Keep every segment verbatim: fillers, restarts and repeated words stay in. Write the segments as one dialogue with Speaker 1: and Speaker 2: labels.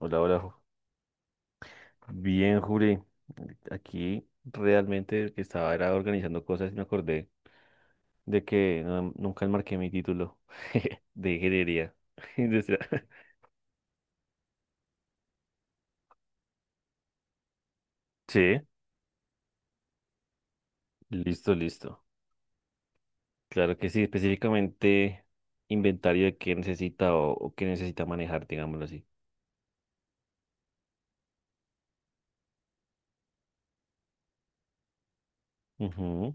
Speaker 1: Hola, hola. Ju- Bien, Juli. Aquí realmente que estaba era organizando cosas y me acordé de que no- nunca enmarqué mi título de ingeniería industrial. Sí, listo, listo. Claro que sí, específicamente inventario de qué necesita o, o qué necesita manejar, digámoslo así. Ujú.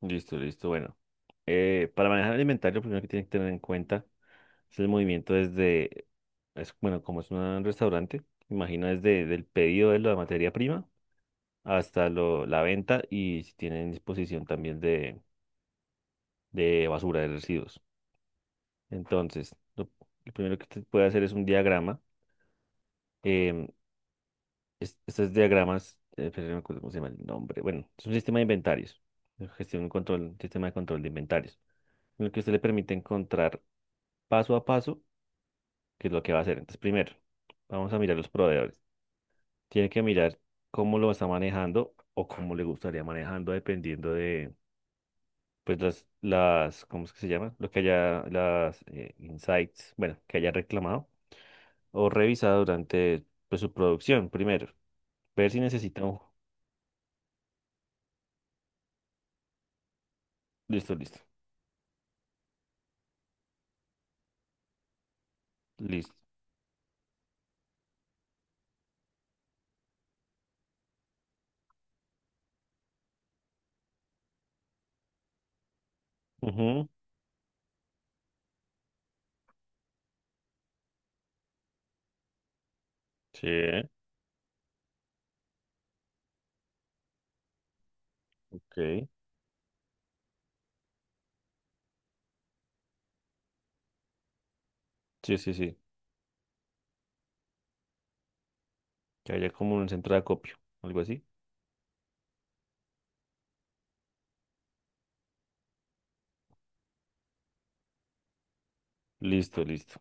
Speaker 1: Listo, listo. Bueno, eh, para manejar el inventario, primero que tiene que tener en cuenta. Es el movimiento desde, es, bueno, como es un restaurante, imagino desde el pedido de la materia prima hasta lo, la venta y si tienen disposición también de, de basura, de residuos. Entonces, lo, lo primero que usted puede hacer es un diagrama. em, es- estos diagramas, eh, pero no me acuerdo cómo se llama el nombre. Bueno, es un sistema de inventarios, de gestión y control, un sistema de control de inventarios, en el que usted le permite encontrar paso a paso qué es lo que va a hacer. Entonces, primero, vamos a mirar los proveedores. Tiene que mirar cómo lo está manejando o cómo le gustaría manejando dependiendo de, pues, las, las, ¿cómo es que se llama? Lo que haya, las eh, insights, bueno, que haya reclamado o revisado durante, pues, su producción primero. Ver si necesita un... Listo, listo, listo. Ujú. Sí, ok. Sí, sí, sí. Que haya como un centro de acopio, algo así. Listo, listo.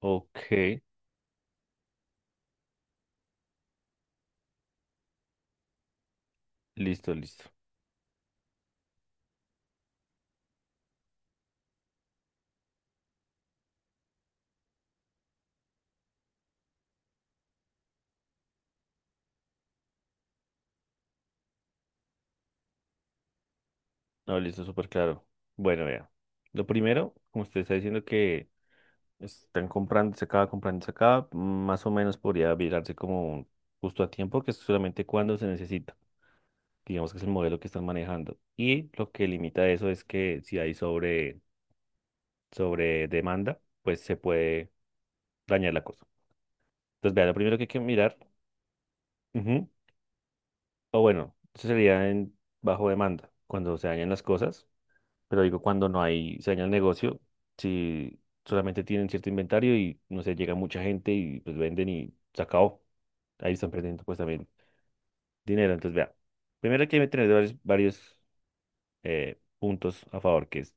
Speaker 1: Ok, listo, listo. No, listo, súper claro. Bueno, vea. Lo primero, como usted está diciendo que están comprándose acá, comprándose acá, más o menos podría virarse como un justo a tiempo, que es solamente cuando se necesita. Digamos que es el modelo que están manejando. Y lo que limita eso es que si hay sobre, sobre demanda, pues se puede dañar la cosa. Entonces, vea, lo primero que hay que mirar, ujú, o bueno, eso sería en bajo demanda, cuando se dañan las cosas, pero digo cuando no hay, se daña el negocio, si solamente tienen cierto inventario y no sé, llega mucha gente y pues venden y se acabó. Ahí están perdiendo pues también dinero. Entonces, vea, primero que hay que tener varios, varios eh, puntos a favor, que es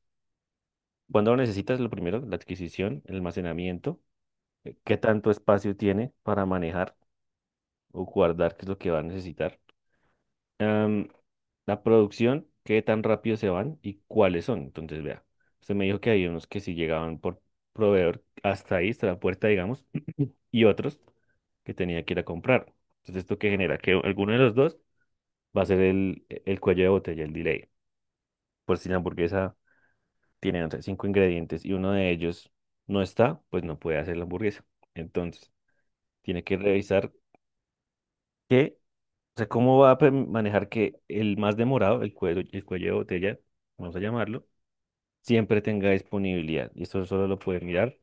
Speaker 1: cuando lo necesitas, lo primero, la adquisición, el almacenamiento, eh, qué tanto espacio tiene para manejar o guardar, qué es lo que va a necesitar. Am, la producción, qué tan rápido se van y cuáles son. Entonces, vea, usted me dijo que hay unos que si llegaban por proveedor hasta ahí, hasta la puerta, digamos, y otros que tenía que ir a comprar. Entonces, ¿esto qué genera? Que alguno de los dos va a ser el, el cuello de botella, el delay. Por si la hamburguesa tiene, no sé, cinco ingredientes y uno de ellos no está, pues no puede hacer la hamburguesa. Entonces, tiene que revisar que, o sea, cómo va a pe- manejar que el más demorado, el cuello, el cuello de botella, vamos a llamarlo, siempre tenga disponibilidad. Y esto solo lo puede mirar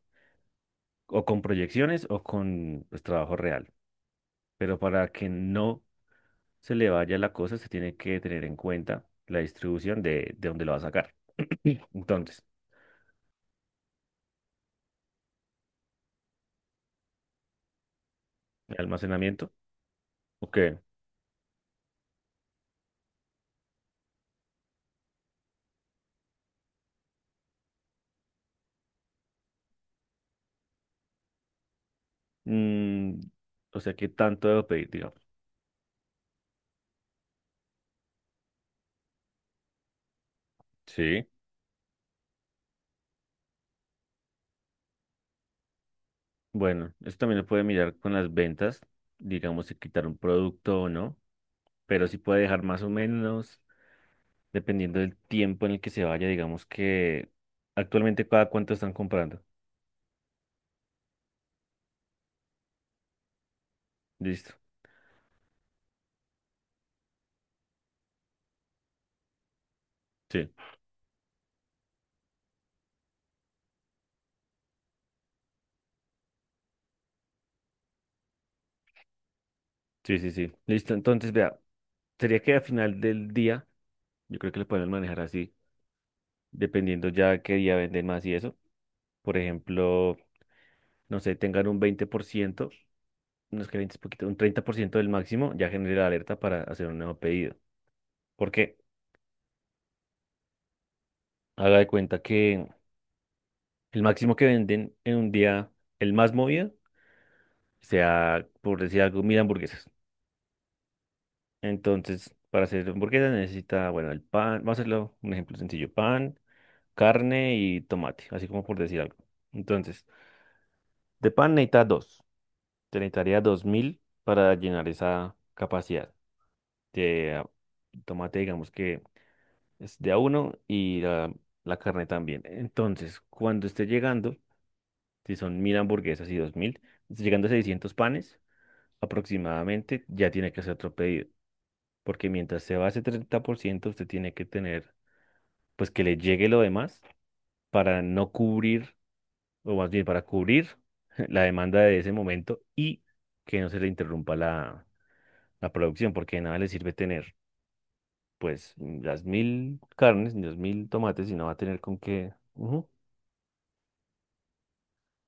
Speaker 1: o con proyecciones o con pues, trabajo real. Pero para que no se le vaya la cosa, se tiene que tener en cuenta la distribución de, de dónde lo va a sacar. Sí. Entonces, ¿de almacenamiento? Ok. Mm, o sea, ¿qué tanto debo pedir, digamos? Sí. Bueno, esto también lo puede mirar con las ventas, digamos, si quitar un producto o no, pero sí puede dejar más o menos, dependiendo del tiempo en el que se vaya, digamos que actualmente cada cuánto están comprando. Listo. Sí, sí, sí, sí. Listo. Entonces, vea, sería que al final del día, yo creo que lo pueden manejar así, dependiendo ya qué día venden más y eso. Por ejemplo, no sé, tengan un veinte por ciento. Unos es que veinte es poquito, un treinta por ciento del máximo ya genera la alerta para hacer un nuevo pedido. Porque haga de cuenta que el máximo que venden en un día, el más movido, sea, por decir algo, mil hamburguesas. Entonces, para hacer hamburguesas necesita, bueno, el pan, vamos a hacerlo un ejemplo sencillo, pan, carne y tomate, así como por decir algo. Entonces, de pan necesita dos, te necesitaría dos mil para llenar esa capacidad. De ah, tomate, digamos que es de a uno y la, la carne también. Entonces, cuando esté llegando, si son mil hamburguesas y dos mil, esté llegando a seiscientos panes aproximadamente, ya tiene que hacer otro pedido. Porque mientras se va ese treinta por ciento usted tiene que tener, pues que le llegue lo demás para no cubrir, o más bien para cubrir la demanda de ese momento y que no se le interrumpa la, la producción, porque de nada le sirve tener, pues, las mil carnes, ni los mil tomates, y no va a tener con qué.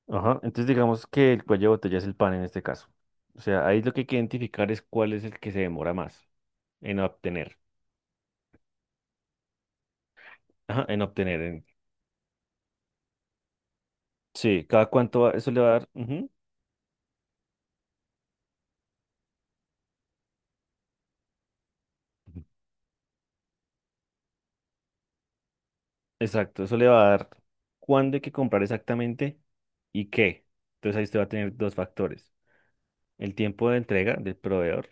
Speaker 1: Ajá, entonces digamos que el cuello de botella es el pan en este caso. O sea, ahí lo que hay que identificar es cuál es el que se demora más en obtener. Ajá, en obtener. en- Sí, cada cuánto va- eso le va a dar. Ujú. Exacto, eso le va a dar cuándo hay que comprar exactamente y qué. Entonces ahí usted va a tener dos factores. El tiempo de entrega del proveedor,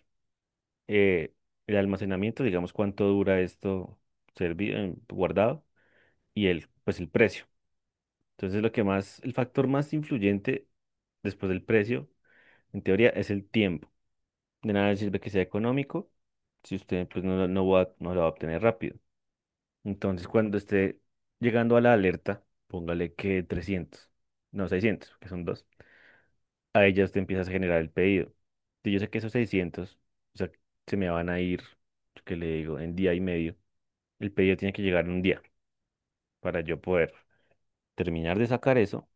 Speaker 1: eh, el almacenamiento, digamos cuánto dura esto servido, guardado, y el, pues el precio. Entonces, lo que más, el factor más influyente después del precio, en teoría, es el tiempo. De nada sirve que sea económico si usted pues, no, lo- no va, a- no lo va a obtener rápido. Entonces, cuando esté llegando a la alerta, póngale que trescientos no seiscientos que son dos. A ya usted empieza a generar el pedido. Si yo sé que esos seiscientos o sea, se me van a ir, que le digo, en día y medio. El pedido tiene que llegar en un día para yo poder terminar de sacar eso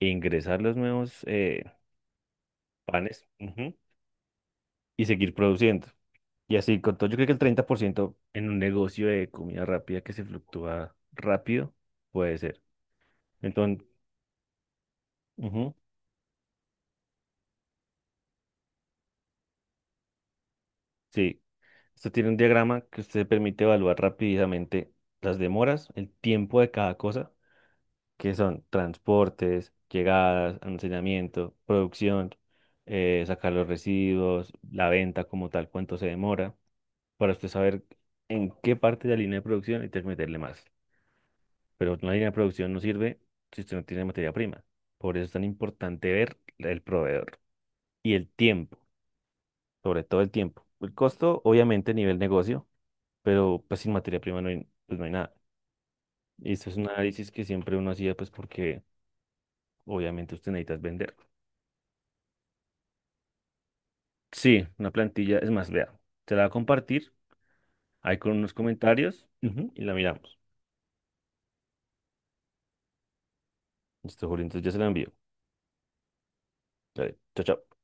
Speaker 1: e ingresar los nuevos, eh, panes, ujú, y seguir produciendo. Y así, con todo, yo creo que el treinta por ciento en un negocio de comida rápida que se fluctúa rápido puede ser. Entonces, ujú, sí, esto tiene un diagrama que usted permite evaluar rápidamente las demoras, el tiempo de cada cosa, que son transportes, llegadas, almacenamiento, producción, eh, sacar los residuos, la venta como tal, cuánto se demora, para usted saber en qué parte de la línea de producción y meterle más. Pero una línea de producción no sirve si usted no tiene materia prima. Por eso es tan importante ver el proveedor y el tiempo, sobre todo el tiempo. El costo, obviamente, a nivel negocio, pero pues sin materia prima no hay, pues, no hay nada. Y esto es un análisis que siempre uno hacía, pues porque obviamente usted necesita vender. Sí, una plantilla, es más, vea, te la va a compartir ahí con unos comentarios ujú, y la miramos. Listo, Julio, entonces ya se la envío. Dale, chao, chao.